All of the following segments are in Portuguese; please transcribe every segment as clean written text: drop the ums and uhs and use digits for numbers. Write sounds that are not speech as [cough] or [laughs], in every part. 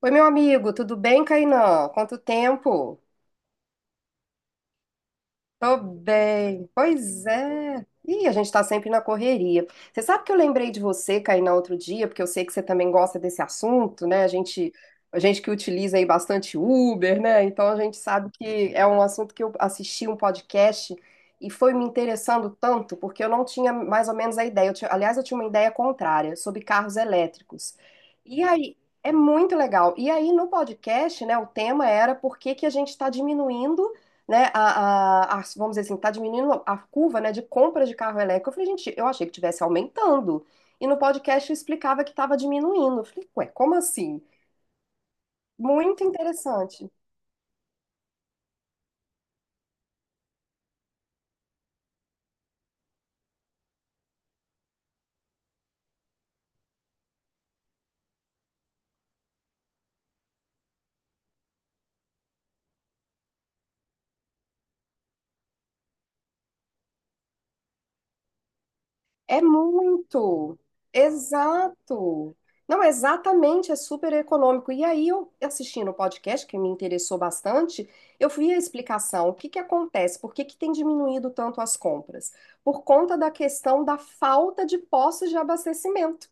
Oi, meu amigo, tudo bem, Kainan? Quanto tempo? Tô bem. Pois é. Ih, a gente tá sempre na correria. Você sabe que eu lembrei de você, Kainá, outro dia, porque eu sei que você também gosta desse assunto, né? A gente que utiliza aí bastante Uber, né? Então a gente sabe que é um assunto que eu assisti um podcast e foi me interessando tanto, porque eu não tinha mais ou menos a ideia. Aliás, eu tinha uma ideia contrária sobre carros elétricos. E aí, é muito legal. E aí no podcast, né, o tema era por que que a gente está diminuindo, né, vamos dizer assim, tá diminuindo a curva, né, de compra de carro elétrico. Eu falei, gente, eu achei que tivesse aumentando. E no podcast eu explicava que estava diminuindo. Eu falei, ué, como assim? Muito interessante. É muito. Exato. Não, exatamente, é super econômico. E aí eu assistindo o podcast, que me interessou bastante, eu fui a explicação, o que que acontece, por que que tem diminuído tanto as compras? Por conta da questão da falta de postos de abastecimento.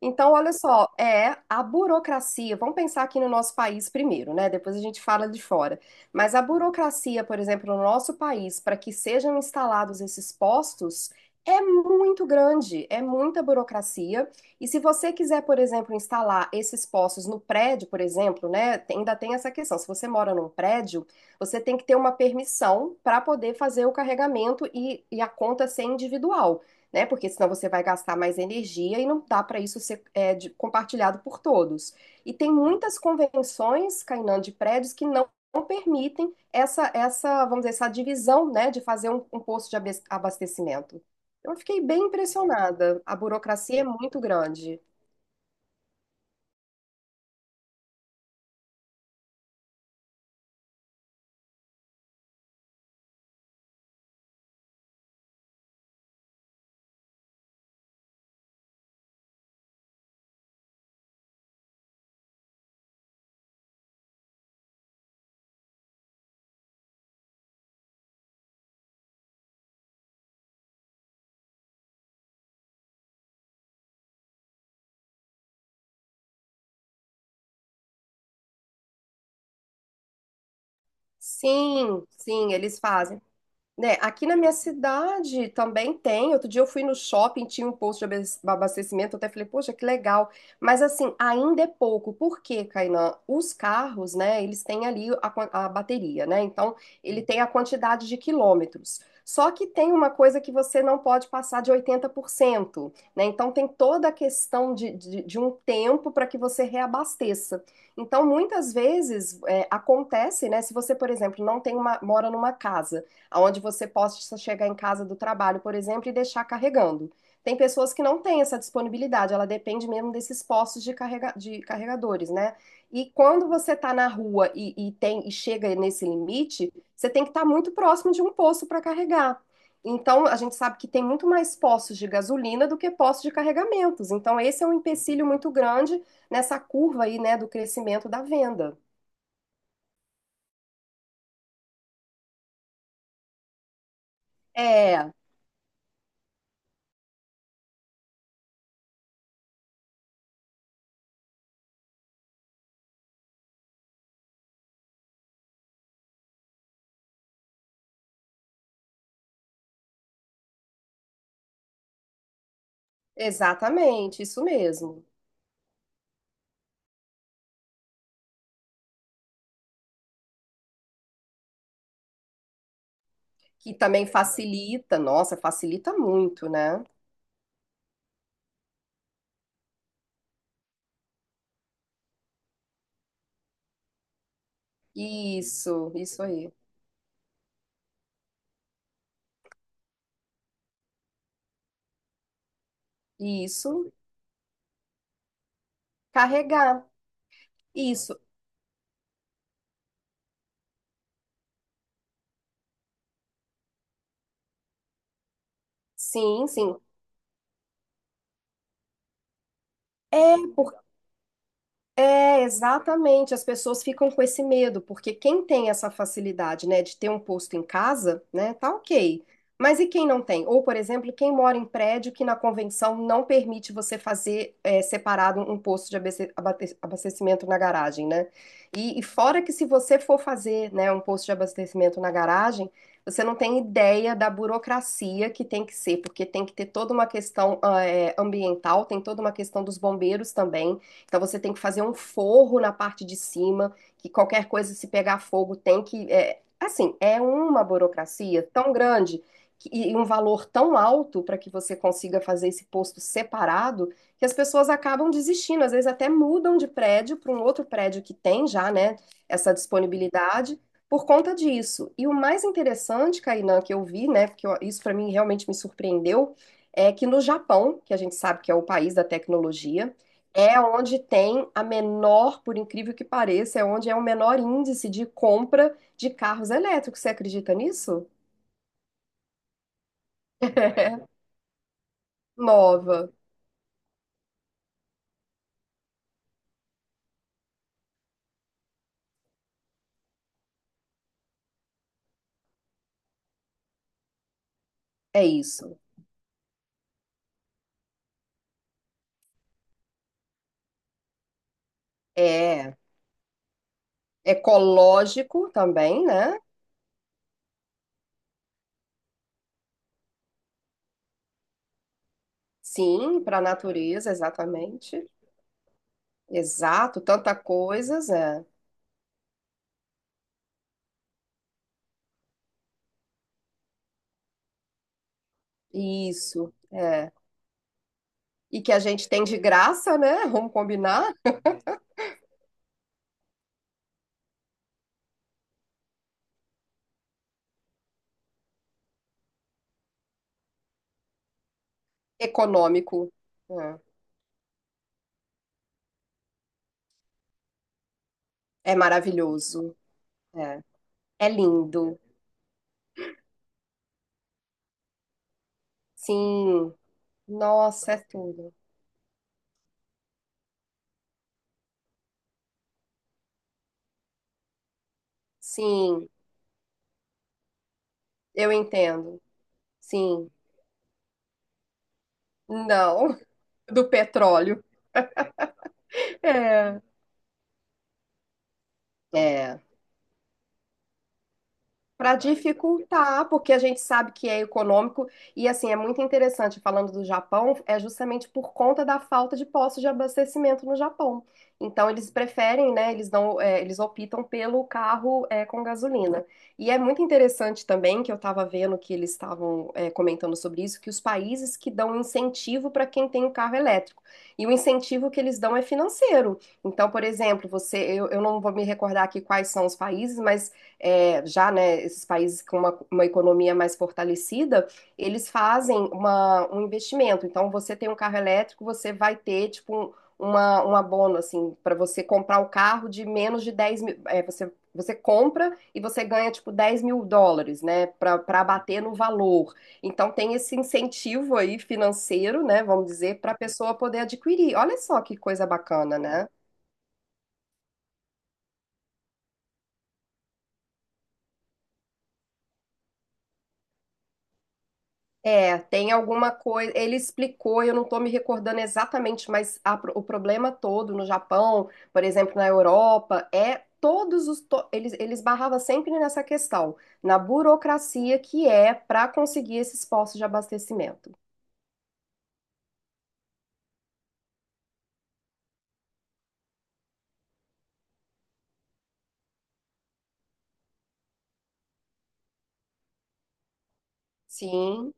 Então, olha só, é a burocracia. Vamos pensar aqui no nosso país primeiro, né? Depois a gente fala de fora. Mas a burocracia, por exemplo, no nosso país, para que sejam instalados esses postos, é muito grande, é muita burocracia. E se você quiser, por exemplo, instalar esses postos no prédio, por exemplo, né? Ainda tem essa questão. Se você mora num prédio, você tem que ter uma permissão para poder fazer o carregamento e a conta ser individual, né? Porque senão você vai gastar mais energia e não dá para isso ser, compartilhado por todos. E tem muitas convenções, Kainan, de prédios que não permitem essa, vamos dizer, essa divisão, né, de fazer um, um posto de abastecimento. Eu fiquei bem impressionada. A burocracia é muito grande. Sim, sim, eles fazem. Né, aqui na minha cidade também tem. Outro dia eu fui no shopping, tinha um posto de abastecimento, eu até falei, poxa, que legal. Mas assim, ainda é pouco. Por quê, Kainan? Os carros, né, eles têm ali a, a bateria, né? Então, ele tem a quantidade de quilômetros. Só que tem uma coisa que você não pode passar de 80%, né? Então, tem toda a questão de um tempo para que você reabasteça. Então, muitas vezes acontece, né? Se você, por exemplo, não tem uma, mora numa casa onde você possa chegar em casa do trabalho, por exemplo, e deixar carregando. Tem pessoas que não têm essa disponibilidade, ela depende mesmo desses postos de, de carregadores, né? E quando você está na rua e chega nesse limite, você tem que estar muito próximo de um posto para carregar. Então, a gente sabe que tem muito mais postos de gasolina do que postos de carregamentos. Então, esse é um empecilho muito grande nessa curva aí, né, do crescimento da venda. É, exatamente, isso mesmo. Que também facilita, nossa, facilita muito, né? Isso aí. Isso, carregar. Isso, sim, sim. É. É, exatamente. As pessoas ficam com esse medo, porque quem tem essa facilidade, né, de ter um posto em casa, né, tá ok. Mas e quem não tem? Ou, por exemplo, quem mora em prédio que na convenção não permite você fazer, separado, um posto de abastecimento na garagem, né? E fora que se você for fazer, né, um posto de abastecimento na garagem, você não tem ideia da burocracia que tem que ser, porque tem que ter toda uma questão, ambiental, tem toda uma questão dos bombeiros também. Então você tem que fazer um forro na parte de cima, que qualquer coisa se pegar fogo tem que. Assim, é uma burocracia tão grande e um valor tão alto para que você consiga fazer esse posto separado, que as pessoas acabam desistindo, às vezes até mudam de prédio para um outro prédio que tem já, né, essa disponibilidade por conta disso. E o mais interessante, Kainan, que eu vi, né, porque isso para mim realmente me surpreendeu, é que no Japão, que a gente sabe que é o país da tecnologia, é onde tem a menor, por incrível que pareça, é onde é o menor índice de compra de carros elétricos. Você acredita nisso? [laughs] É. Nova. É isso. É, é ecológico também, né? Sim, para a natureza, exatamente. Exato, tanta coisa, é. Isso, é. E que a gente tem de graça, né? [laughs] Vamos combinar? Econômico. É, é maravilhoso. É. É lindo. Sim. Nossa, é tudo. Sim, eu entendo. Sim. Não, [laughs] do petróleo. É. É. Para dificultar, porque a gente sabe que é econômico, e assim é muito interessante falando do Japão, é justamente por conta da falta de postos de abastecimento no Japão. Então eles preferem, né? Eles não, eles optam pelo carro, com gasolina. E é muito interessante também que eu estava vendo que eles estavam, comentando sobre isso, que os países que dão incentivo para quem tem um carro elétrico, e o incentivo que eles dão é financeiro. Então, por exemplo, você, eu não vou me recordar aqui quais são os países, mas já, né, esses países com uma economia mais fortalecida, eles fazem um investimento. Então, você tem um carro elétrico, você vai ter, tipo, um abono, assim, para você comprar o carro de menos de 10.000. Você, você compra e você ganha, tipo, 10.000 dólares, né, para abater no valor. Então, tem esse incentivo aí financeiro, né, vamos dizer, para a pessoa poder adquirir. Olha só que coisa bacana, né? É, tem alguma coisa. Ele explicou, eu não estou me recordando exatamente, mas a o problema todo no Japão, por exemplo, na Europa, é todos os. Eles, eles barravam sempre nessa questão, na burocracia que é para conseguir esses postos de abastecimento. Sim,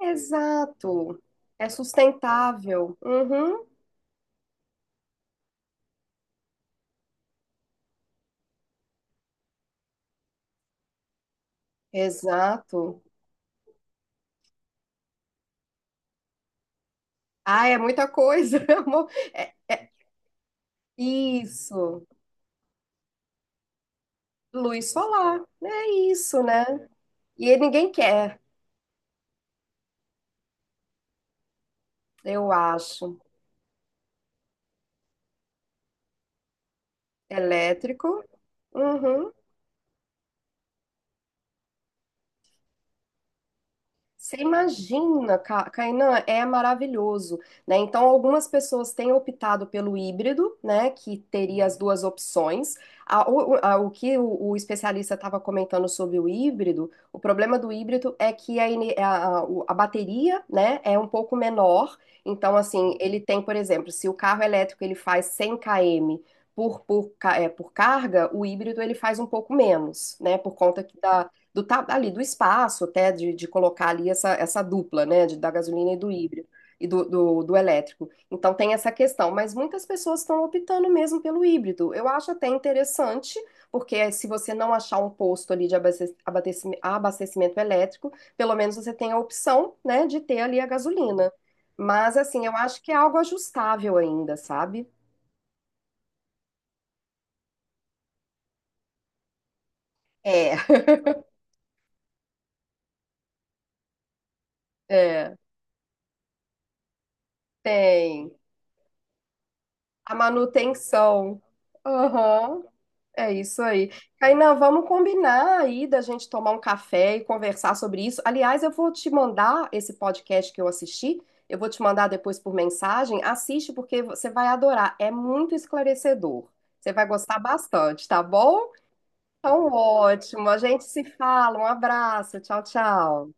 exato. É sustentável. Uhum, exato. Ah, é muita coisa, [laughs] amor. Isso. Luz solar. É isso, né? E ninguém quer. Eu acho. Elétrico. Uhum. Você imagina, Kainan, é maravilhoso, né? Então, algumas pessoas têm optado pelo híbrido, né? Que teria as duas opções. O que o especialista estava comentando sobre o híbrido, o problema do híbrido é que a, a bateria, né, é um pouco menor. Então, assim, ele tem, por exemplo, se o carro elétrico ele faz 100 km por carga, o híbrido ele faz um pouco menos, né? Por conta que do ali do espaço até de colocar ali essa, dupla, né, de, da gasolina e do híbrido e do, do, do elétrico. Então tem essa questão, mas muitas pessoas estão optando mesmo pelo híbrido. Eu acho até interessante, porque se você não achar um posto ali de abastecimento elétrico, pelo menos você tem a opção, né, de ter ali a gasolina. Mas assim, eu acho que é algo ajustável ainda, sabe? É, [laughs] é, tem. A manutenção. Aham. É isso aí. Kainan, vamos combinar aí da gente tomar um café e conversar sobre isso. Aliás, eu vou te mandar esse podcast que eu assisti, eu vou te mandar depois por mensagem. Assiste porque você vai adorar. É muito esclarecedor. Você vai gostar bastante, tá bom? Então, ótimo. A gente se fala. Um abraço. Tchau, tchau.